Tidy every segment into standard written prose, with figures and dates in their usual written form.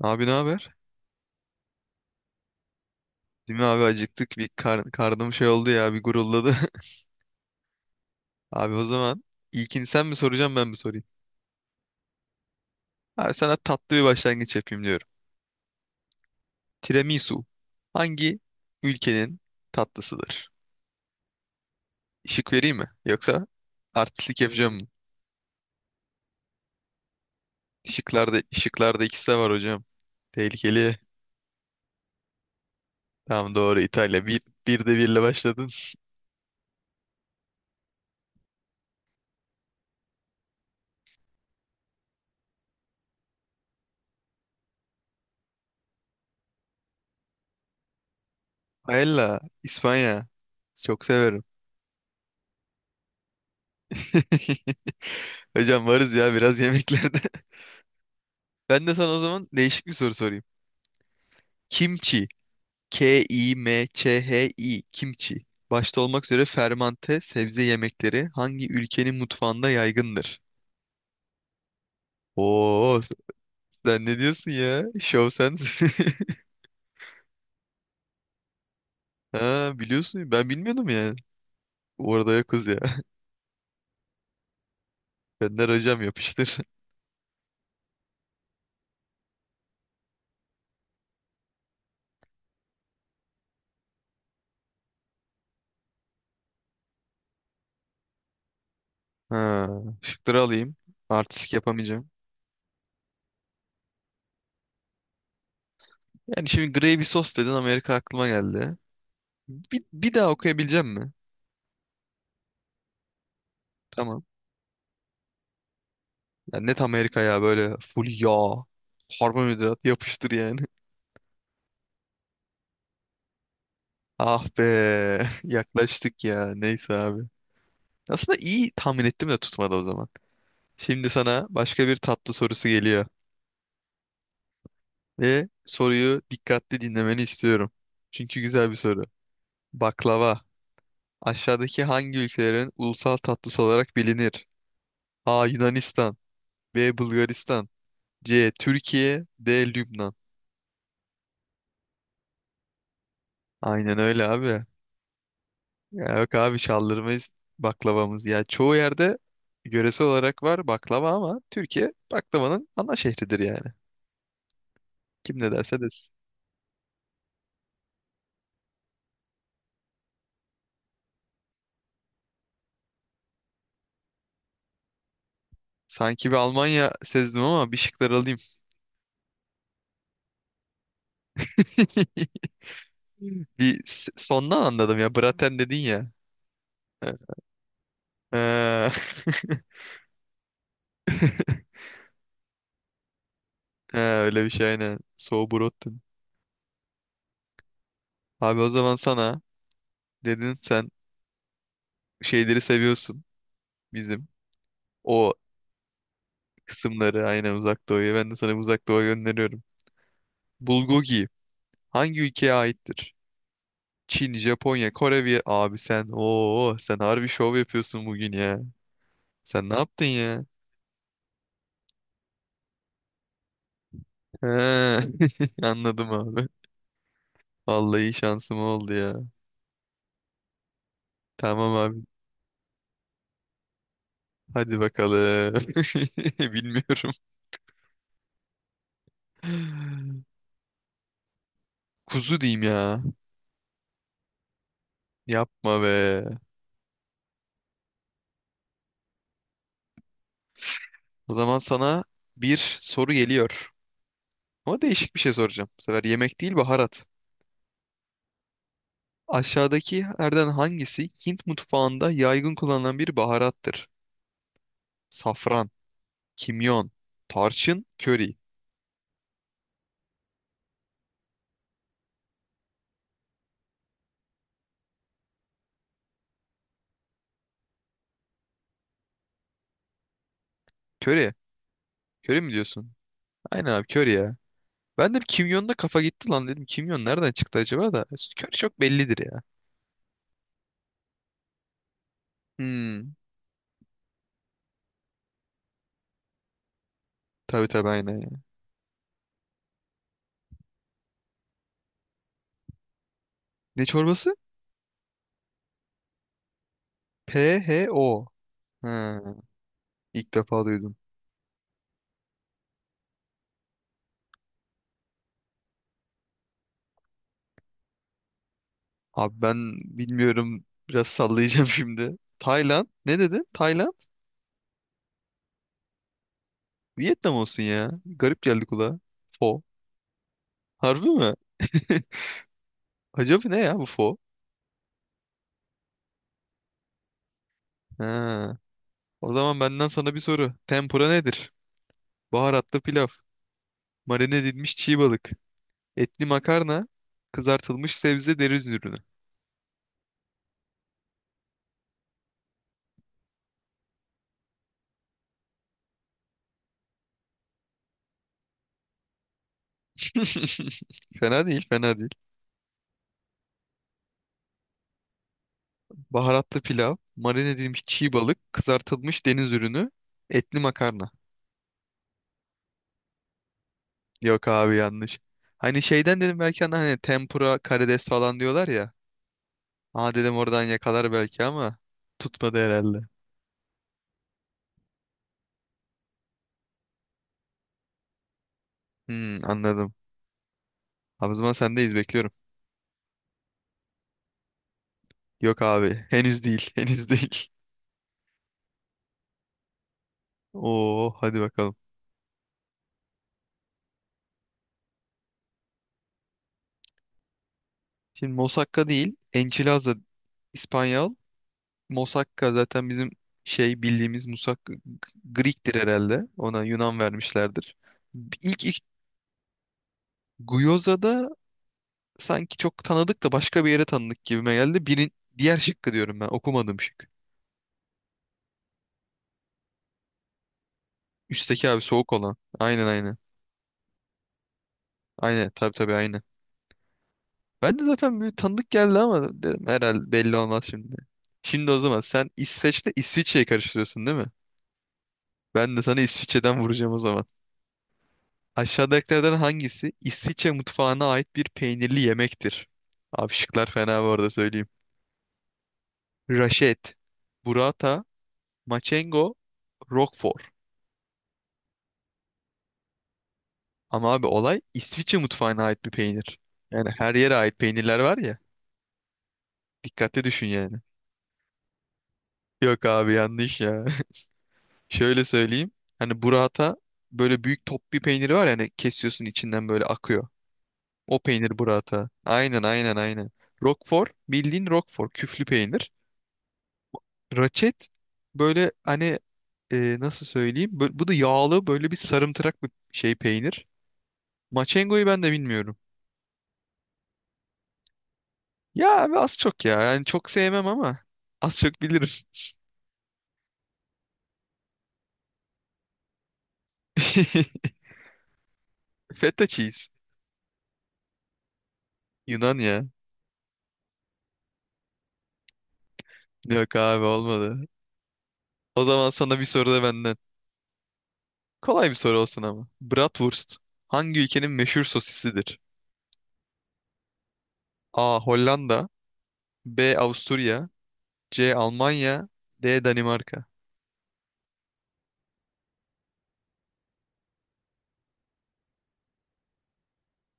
Abi ne haber? Değil mi abi acıktık bir karnım şey oldu ya bir gurulladı. Abi o zaman ilkini sen mi soracaksın ben mi sorayım? Abi sana tatlı bir başlangıç yapayım diyorum. Tiramisu hangi ülkenin tatlısıdır? Işık vereyim mi? Yoksa artistlik yapacağım mı? Işıklarda ikisi de var hocam. Tehlikeli. Tamam doğru İtalya. Bir de birle başladın. Paella İspanya. Çok severim. Hocam varız ya biraz yemeklerde. Ben de sana o zaman değişik bir soru sorayım. Kimçi. K-I-M-Ç-H-I. Kimçi. Başta olmak üzere fermante sebze yemekleri hangi ülkenin mutfağında yaygındır? Oo, sen ne diyorsun ya? Show sense. Ha, biliyorsun. Ben bilmiyordum ya. Orada yokuz ya. Benden hocam yapıştır. Ha, şıkları alayım. Artistik yapamayacağım. Yani şimdi gravy sos dedin Amerika aklıma geldi. Bir daha okuyabileceğim mi? Tamam. Ya net Amerika ya böyle full yağ, karbonhidrat yapıştır yani. Ah be. Yaklaştık ya. Neyse abi. Aslında iyi tahmin ettim de tutmadı o zaman. Şimdi sana başka bir tatlı sorusu geliyor. Ve soruyu dikkatli dinlemeni istiyorum. Çünkü güzel bir soru. Baklava. Aşağıdaki hangi ülkelerin ulusal tatlısı olarak bilinir? A. Yunanistan. B. Bulgaristan. C. Türkiye. D. Lübnan. Aynen öyle abi. Ya yok abi şaldırmayız baklavamız. Ya çoğu yerde yöresel olarak var baklava ama Türkiye baklavanın ana şehridir yani. Kim ne derse desin. Sanki bir Almanya sezdim ama bir şıkları alayım. Bir sondan anladım ya. Braten dedin ya. Evet. Ee, He, öyle bir şey aynen. Sauerbraten. Abi o zaman sana dedin sen şeyleri seviyorsun bizim. O kısımları aynen Uzak Doğu'ya. Ben de sana Uzak Doğu'ya gönderiyorum. Bulgogi hangi ülkeye aittir? Çin, Japonya, Kore bir abi sen ooo sen harbi şov yapıyorsun bugün ya. Sen ne yaptın ya? He, anladım abi. Vallahi şansım oldu ya. Tamam abi. Hadi bakalım. Bilmiyorum. Kuzu diyeyim ya. Yapma be. O zaman sana bir soru geliyor. Ama değişik bir şey soracağım. Bu sefer yemek değil baharat. Aşağıdakilerden hangisi Hint mutfağında yaygın kullanılan bir baharattır? Safran. Kimyon, tarçın, köri. Köri. Köri mi diyorsun? Aynen abi köri ya. Ben de bir kimyonda kafa gitti lan dedim. Kimyon nereden çıktı acaba da? Köri çok bellidir ya. Hmm. Tabii tabii aynen ya. Ne çorbası? PHO. Ha, ilk defa duydum. Abi ben bilmiyorum. Biraz sallayacağım şimdi. Tayland. Ne dedin? Tayland? Vietnam olsun ya. Garip geldi kulağa. Pho. Harbi mi? Acaba ne ya bu pho? Ha. O zaman benden sana bir soru. Tempura nedir? Baharatlı pilav. Marine edilmiş çiğ balık. Etli makarna. Kızartılmış sebze deniz ürünü. Fena değil, fena değil. Baharatlı pilav. Marine edilmiş çiğ balık. Kızartılmış deniz ürünü. Etli makarna. Yok abi yanlış. Hani şeyden dedim belki hani hani tempura, karides falan diyorlar ya. Aa dedim oradan yakalar belki ama tutmadı herhalde. Hmm, anladım. Abi o zaman sendeyiz bekliyorum. Yok abi henüz değil henüz değil. Oo hadi bakalım. Şimdi Mosakka değil. Enchilada İspanyol. Mosakka zaten bizim şey bildiğimiz musak Greek'tir herhalde. Ona Yunan vermişlerdir. İlk Gyoza da sanki çok tanıdık da başka bir yere tanıdık gibime geldi. Birin, diğer şıkkı diyorum ben. Okumadım şık. Üstteki abi soğuk olan. Aynen aynen. Aynen tabii tabii aynen. Ben de zaten bir tanıdık geldi ama dedim herhalde belli olmaz şimdi. Şimdi o zaman sen İsveç'le İsviçre'yi karıştırıyorsun değil mi? Ben de sana İsviçre'den vuracağım o zaman. Aşağıdakilerden hangisi İsviçre mutfağına ait bir peynirli yemektir? Abi şıklar fena bu arada söyleyeyim. Raşet, burrata, maçengo, roquefort. Ama abi olay İsviçre mutfağına ait bir peynir. Yani her yere ait peynirler var ya. Dikkatli düşün yani. Yok abi yanlış ya. Şöyle söyleyeyim. Hani burrata böyle büyük top bir peyniri var yani kesiyorsun içinden böyle akıyor. O peynir burrata. Aynen aynen aynen. Roquefort bildiğin roquefort küflü peynir. Raçet böyle hani nasıl söyleyeyim? Bu da yağlı böyle bir sarımtırak bir şey peynir. Maçengo'yu ben de bilmiyorum. Ya abi az çok ya. Yani çok sevmem ama az çok bilirim. Feta cheese. Yunan ya. Yok abi olmadı. O zaman sana bir soru da benden. Kolay bir soru olsun ama. Bratwurst hangi ülkenin meşhur sosisidir? A. Hollanda B. Avusturya C. Almanya D. Danimarka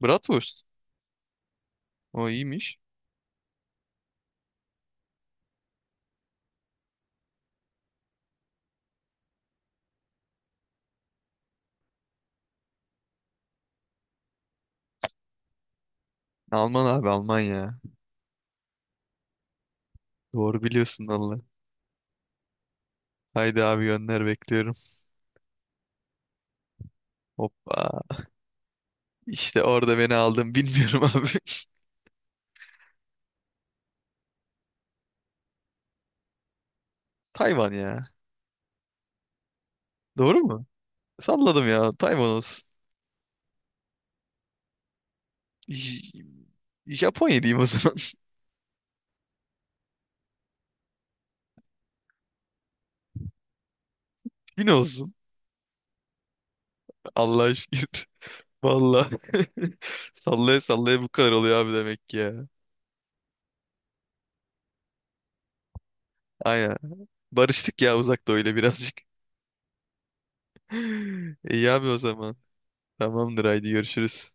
Bratwurst. O iyiymiş. Alman abi Almanya. Doğru biliyorsun valla. Haydi abi gönder bekliyorum. Hoppa. İşte orada beni aldın bilmiyorum abi. Tayvan ya. Doğru mu? Salladım ya. Tayvan olsun. J- Japonya diyeyim o zaman. Yine olsun. Allah'a şükür. Valla. Sallaya sallaya bu kadar oluyor abi demek ki ya. Aynen. Barıştık ya uzak öyle birazcık. İyi abi o zaman. Tamamdır haydi görüşürüz.